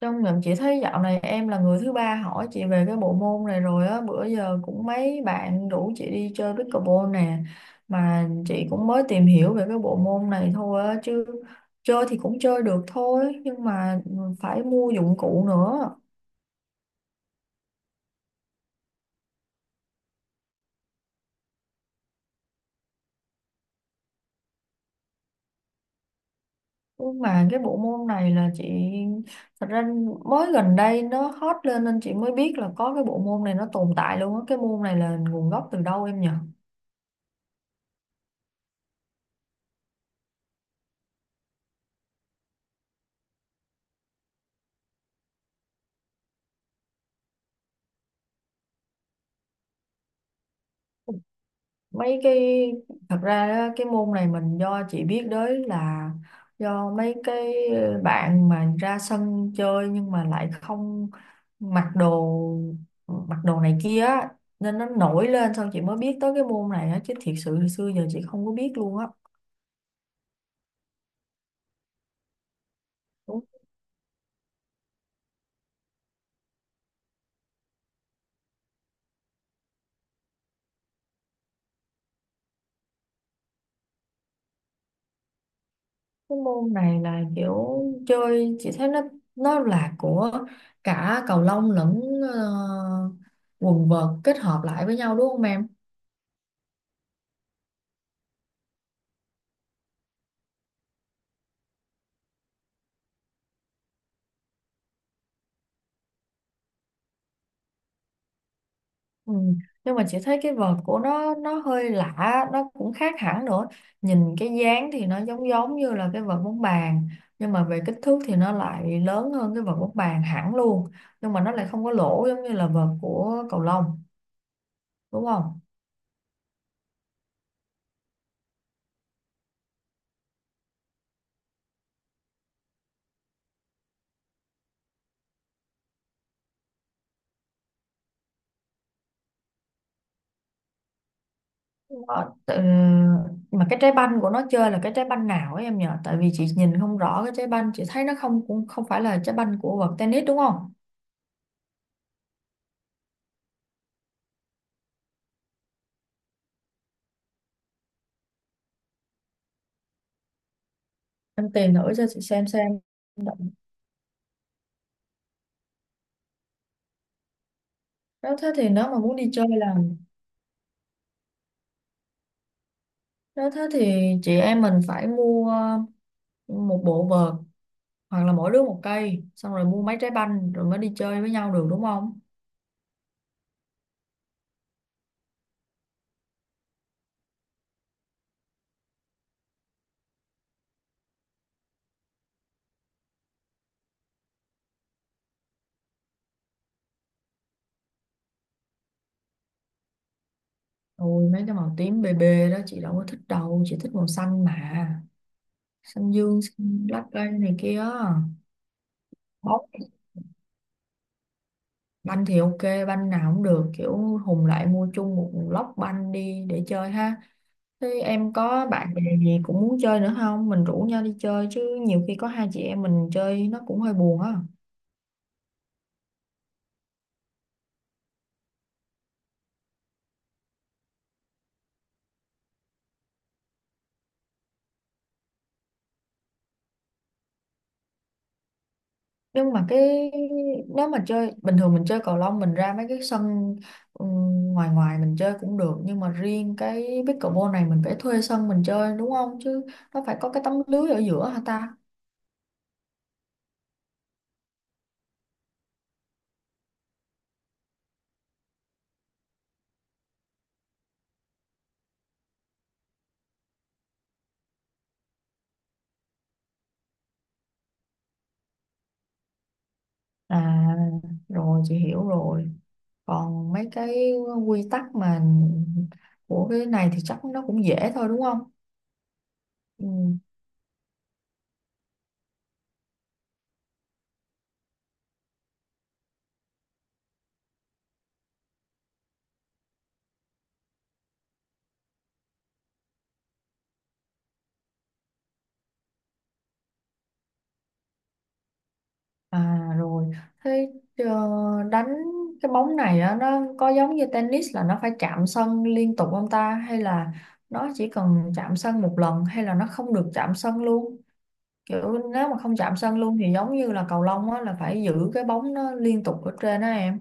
Trong nhóm chị thấy dạo này em là người thứ ba hỏi chị về cái bộ môn này rồi á, bữa giờ cũng mấy bạn rủ chị đi chơi pickleball nè, mà chị cũng mới tìm hiểu về cái bộ môn này thôi á, chứ chơi thì cũng chơi được thôi, nhưng mà phải mua dụng cụ nữa. Nhưng mà cái bộ môn này là chị, thật ra, mới gần đây nó hot lên nên chị mới biết là có cái bộ môn này nó tồn tại luôn á. Cái môn này là nguồn gốc từ đâu em nhỉ? Mấy cái Thật ra á, cái môn này mình do chị biết đến là do mấy cái bạn mà ra sân chơi nhưng mà lại không mặc đồ mặc đồ này kia á, nên nó nổi lên xong chị mới biết tới cái môn này á, chứ thiệt sự hồi xưa giờ chị không có biết luôn á. Đúng. Cái môn này là kiểu chơi chị thấy nó là của cả cầu lông lẫn ờ, quần vợt kết hợp lại với nhau đúng không em? Ừ. Nhưng mà chị thấy cái vợt của nó hơi lạ, nó cũng khác hẳn nữa, nhìn cái dáng thì nó giống giống như là cái vợt bóng bàn, nhưng mà về kích thước thì nó lại lớn hơn cái vợt bóng bàn hẳn luôn, nhưng mà nó lại không có lỗ giống như là vợt của cầu lông, đúng không? Ờ, tự- mà cái trái banh của nó chơi là cái trái banh nào ấy em nhỉ, tại vì chị nhìn không rõ, cái trái banh chị thấy nó không, cũng không phải là trái banh của vợt tennis đúng không? Em tìm thử cho chị xem xem. Đó thế thì nếu mà muốn đi chơi là... Nếu thế thì chị em mình phải mua một bộ vợt, hoặc là mỗi đứa một cây, xong rồi mua mấy trái banh rồi mới đi chơi với nhau được đúng không? Ôi mấy cái màu tím bề bề đó chị đâu có thích đâu, chị thích màu xanh mà. Xanh dương, xanh lá cây này kia. Bóng banh thì ok, banh nào cũng được, kiểu hùng lại mua chung một lốc banh đi để chơi ha. Thế em có bạn bè gì cũng muốn chơi nữa không? Mình rủ nhau đi chơi chứ, nhiều khi có hai chị em mình chơi nó cũng hơi buồn á. Nhưng mà cái, nếu mà chơi bình thường mình chơi cầu lông mình ra mấy cái sân, ừ, ngoài ngoài mình chơi cũng được, nhưng mà riêng cái pickleball này mình phải thuê sân mình chơi đúng không, chứ nó phải có cái tấm lưới ở giữa hả ta? À rồi, chị hiểu rồi. Còn mấy cái quy tắc mà của cái này thì chắc nó cũng dễ thôi đúng không? Ừ. À rồi, thế ờ, đánh cái bóng này á, nó có giống như tennis là nó phải chạm sân liên tục không ta? Hay là nó chỉ cần chạm sân một lần hay là nó không được chạm sân luôn? Kiểu nếu mà không chạm sân luôn thì giống như là cầu lông á, là phải giữ cái bóng nó liên tục ở trên đó em.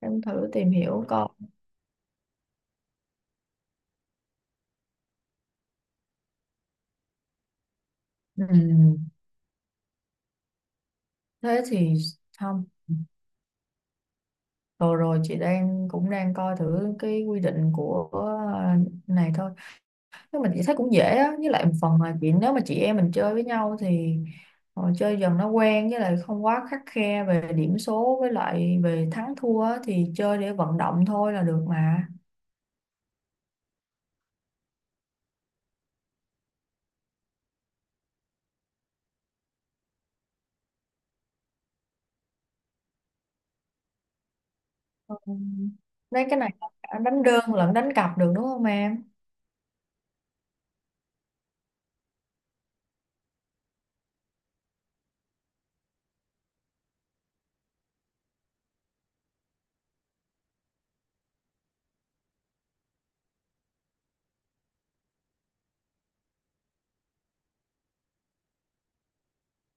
Em thử tìm hiểu coi. Ừ, thế thì không. Rồi rồi chị đang cũng đang coi thử cái quy định của này thôi. Thế mình chỉ thấy cũng dễ á, với lại một phần là chuyện nếu mà chị em mình chơi với nhau thì chơi dần nó quen, với lại không quá khắt khe về điểm số với lại về thắng thua á, thì chơi để vận động thôi là được mà. Ừ. Đấy cái này cả đánh đơn lẫn đánh cặp được đúng không em?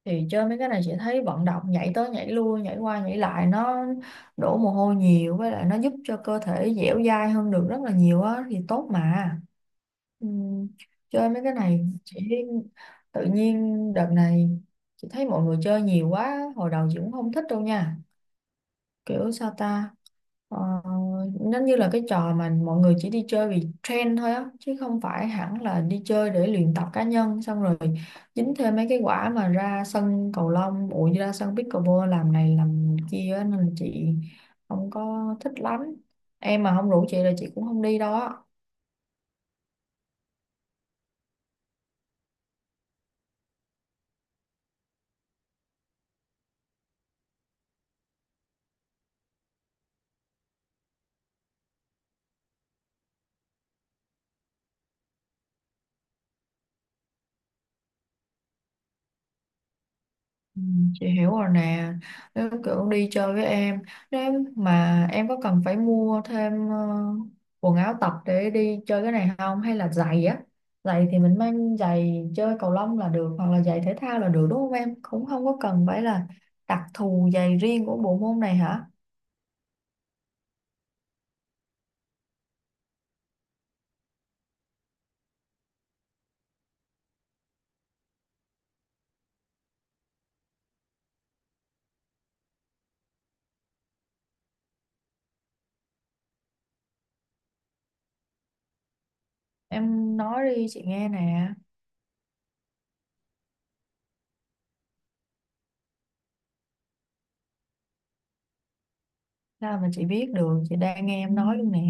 Thì chơi mấy cái này chị thấy vận động nhảy tới nhảy lui nhảy qua nhảy lại nó đổ mồ hôi nhiều, với lại nó giúp cho cơ thể dẻo dai hơn được rất là nhiều á, thì tốt mà. Ừm, chơi mấy cái này chị tự nhiên đợt này chị thấy mọi người chơi nhiều quá, hồi đầu chị cũng không thích đâu nha, kiểu sao ta. Ờ, nó như là cái trò mà mọi người chỉ đi chơi vì trend thôi á, chứ không phải hẳn là đi chơi để luyện tập cá nhân, xong rồi dính thêm mấy cái quả mà ra sân cầu lông ủa ra sân pickleball làm này làm kia á, nên là chị không có thích lắm. Em mà không rủ chị là chị cũng không đi đâu á. Ừ, chị hiểu rồi nè. Nếu kiểu đi chơi với em, nếu mà em có cần phải mua thêm quần áo tập để đi chơi cái này không? Hay là giày á? Giày thì mình mang giày chơi cầu lông là được, hoặc là giày thể thao là được đúng không em? Cũng không có cần phải là đặc thù giày riêng của bộ môn này hả? Em nói đi chị nghe nè. Sao mà chị biết được, chị đang nghe em nói luôn nè.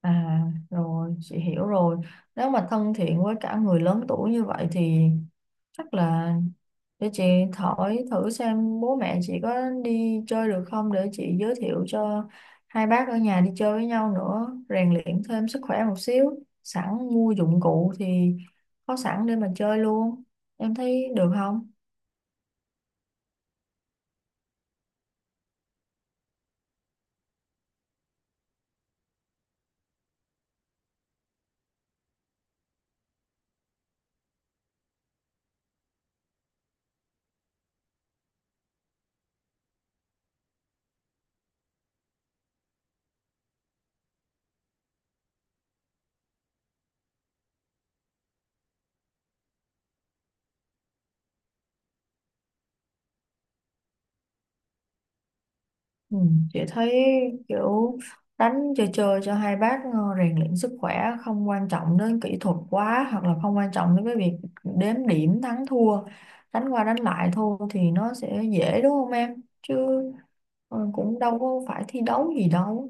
À rồi chị hiểu rồi. Nếu mà thân thiện với cả người lớn tuổi như vậy thì chắc là để chị hỏi thử xem bố mẹ chị có đi chơi được không, để chị giới thiệu cho hai bác ở nhà đi chơi với nhau nữa, rèn luyện thêm sức khỏe một xíu, sẵn mua dụng cụ thì có sẵn để mà chơi luôn, em thấy được không? Ừ, chị thấy kiểu đánh chơi chơi cho hai bác rèn luyện sức khỏe, không quan trọng đến kỹ thuật quá, hoặc là không quan trọng đến cái việc đếm điểm thắng thua, đánh qua đánh lại thôi thì nó sẽ dễ đúng không em, chứ cũng đâu có phải thi đấu gì đâu.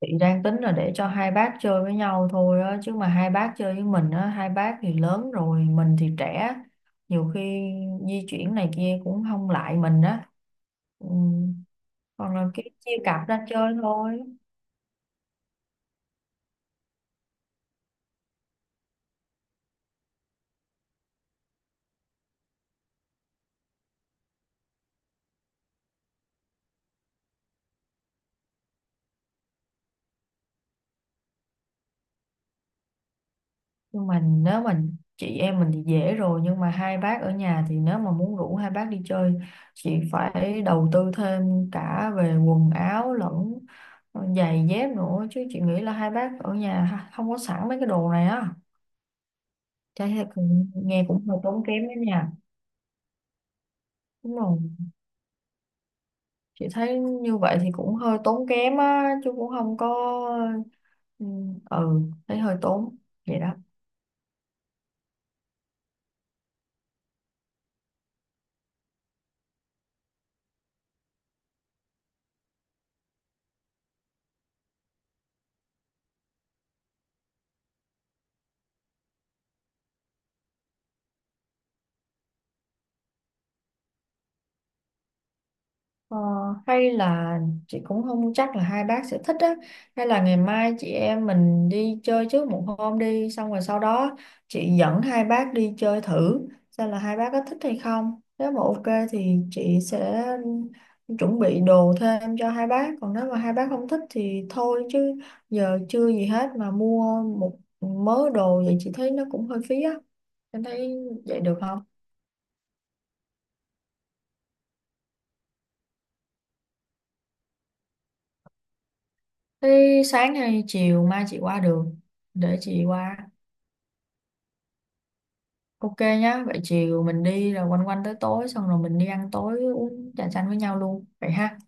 Chị đang tính là để cho hai bác chơi với nhau thôi á, chứ mà hai bác chơi với mình á, hai bác thì lớn rồi, mình thì trẻ, nhiều khi di chuyển này kia cũng không lại mình á. Ừ. Còn là cái chia cặp ra chơi thôi. Nhưng mà nếu mà chị em mình thì dễ rồi, nhưng mà hai bác ở nhà thì nếu mà muốn rủ hai bác đi chơi, chị phải đầu tư thêm cả về quần áo lẫn giày dép nữa, chứ chị nghĩ là hai bác ở nhà không có sẵn mấy cái đồ này á. Trái là cũng, nghe cũng hơi tốn kém đó nha. Đúng rồi. Chị thấy như vậy thì cũng hơi tốn kém á, chứ cũng không có... Ừ, ừ, thấy hơi tốn. Vậy đó. Ờ, hay là chị cũng không chắc là hai bác sẽ thích á, hay là ngày mai chị em mình đi chơi trước một hôm đi, xong rồi sau đó chị dẫn hai bác đi chơi thử xem là hai bác có thích hay không, nếu mà ok thì chị sẽ chuẩn bị đồ thêm cho hai bác, còn nếu mà hai bác không thích thì thôi, chứ giờ chưa gì hết mà mua một mớ đồ vậy chị thấy nó cũng hơi phí á, em thấy vậy được không? Thế sáng hay chiều mai chị qua được, để chị qua. Ok nhá, vậy chiều mình đi rồi quanh quanh tới tối xong rồi mình đi ăn tối uống trà chanh với nhau luôn. Vậy ha.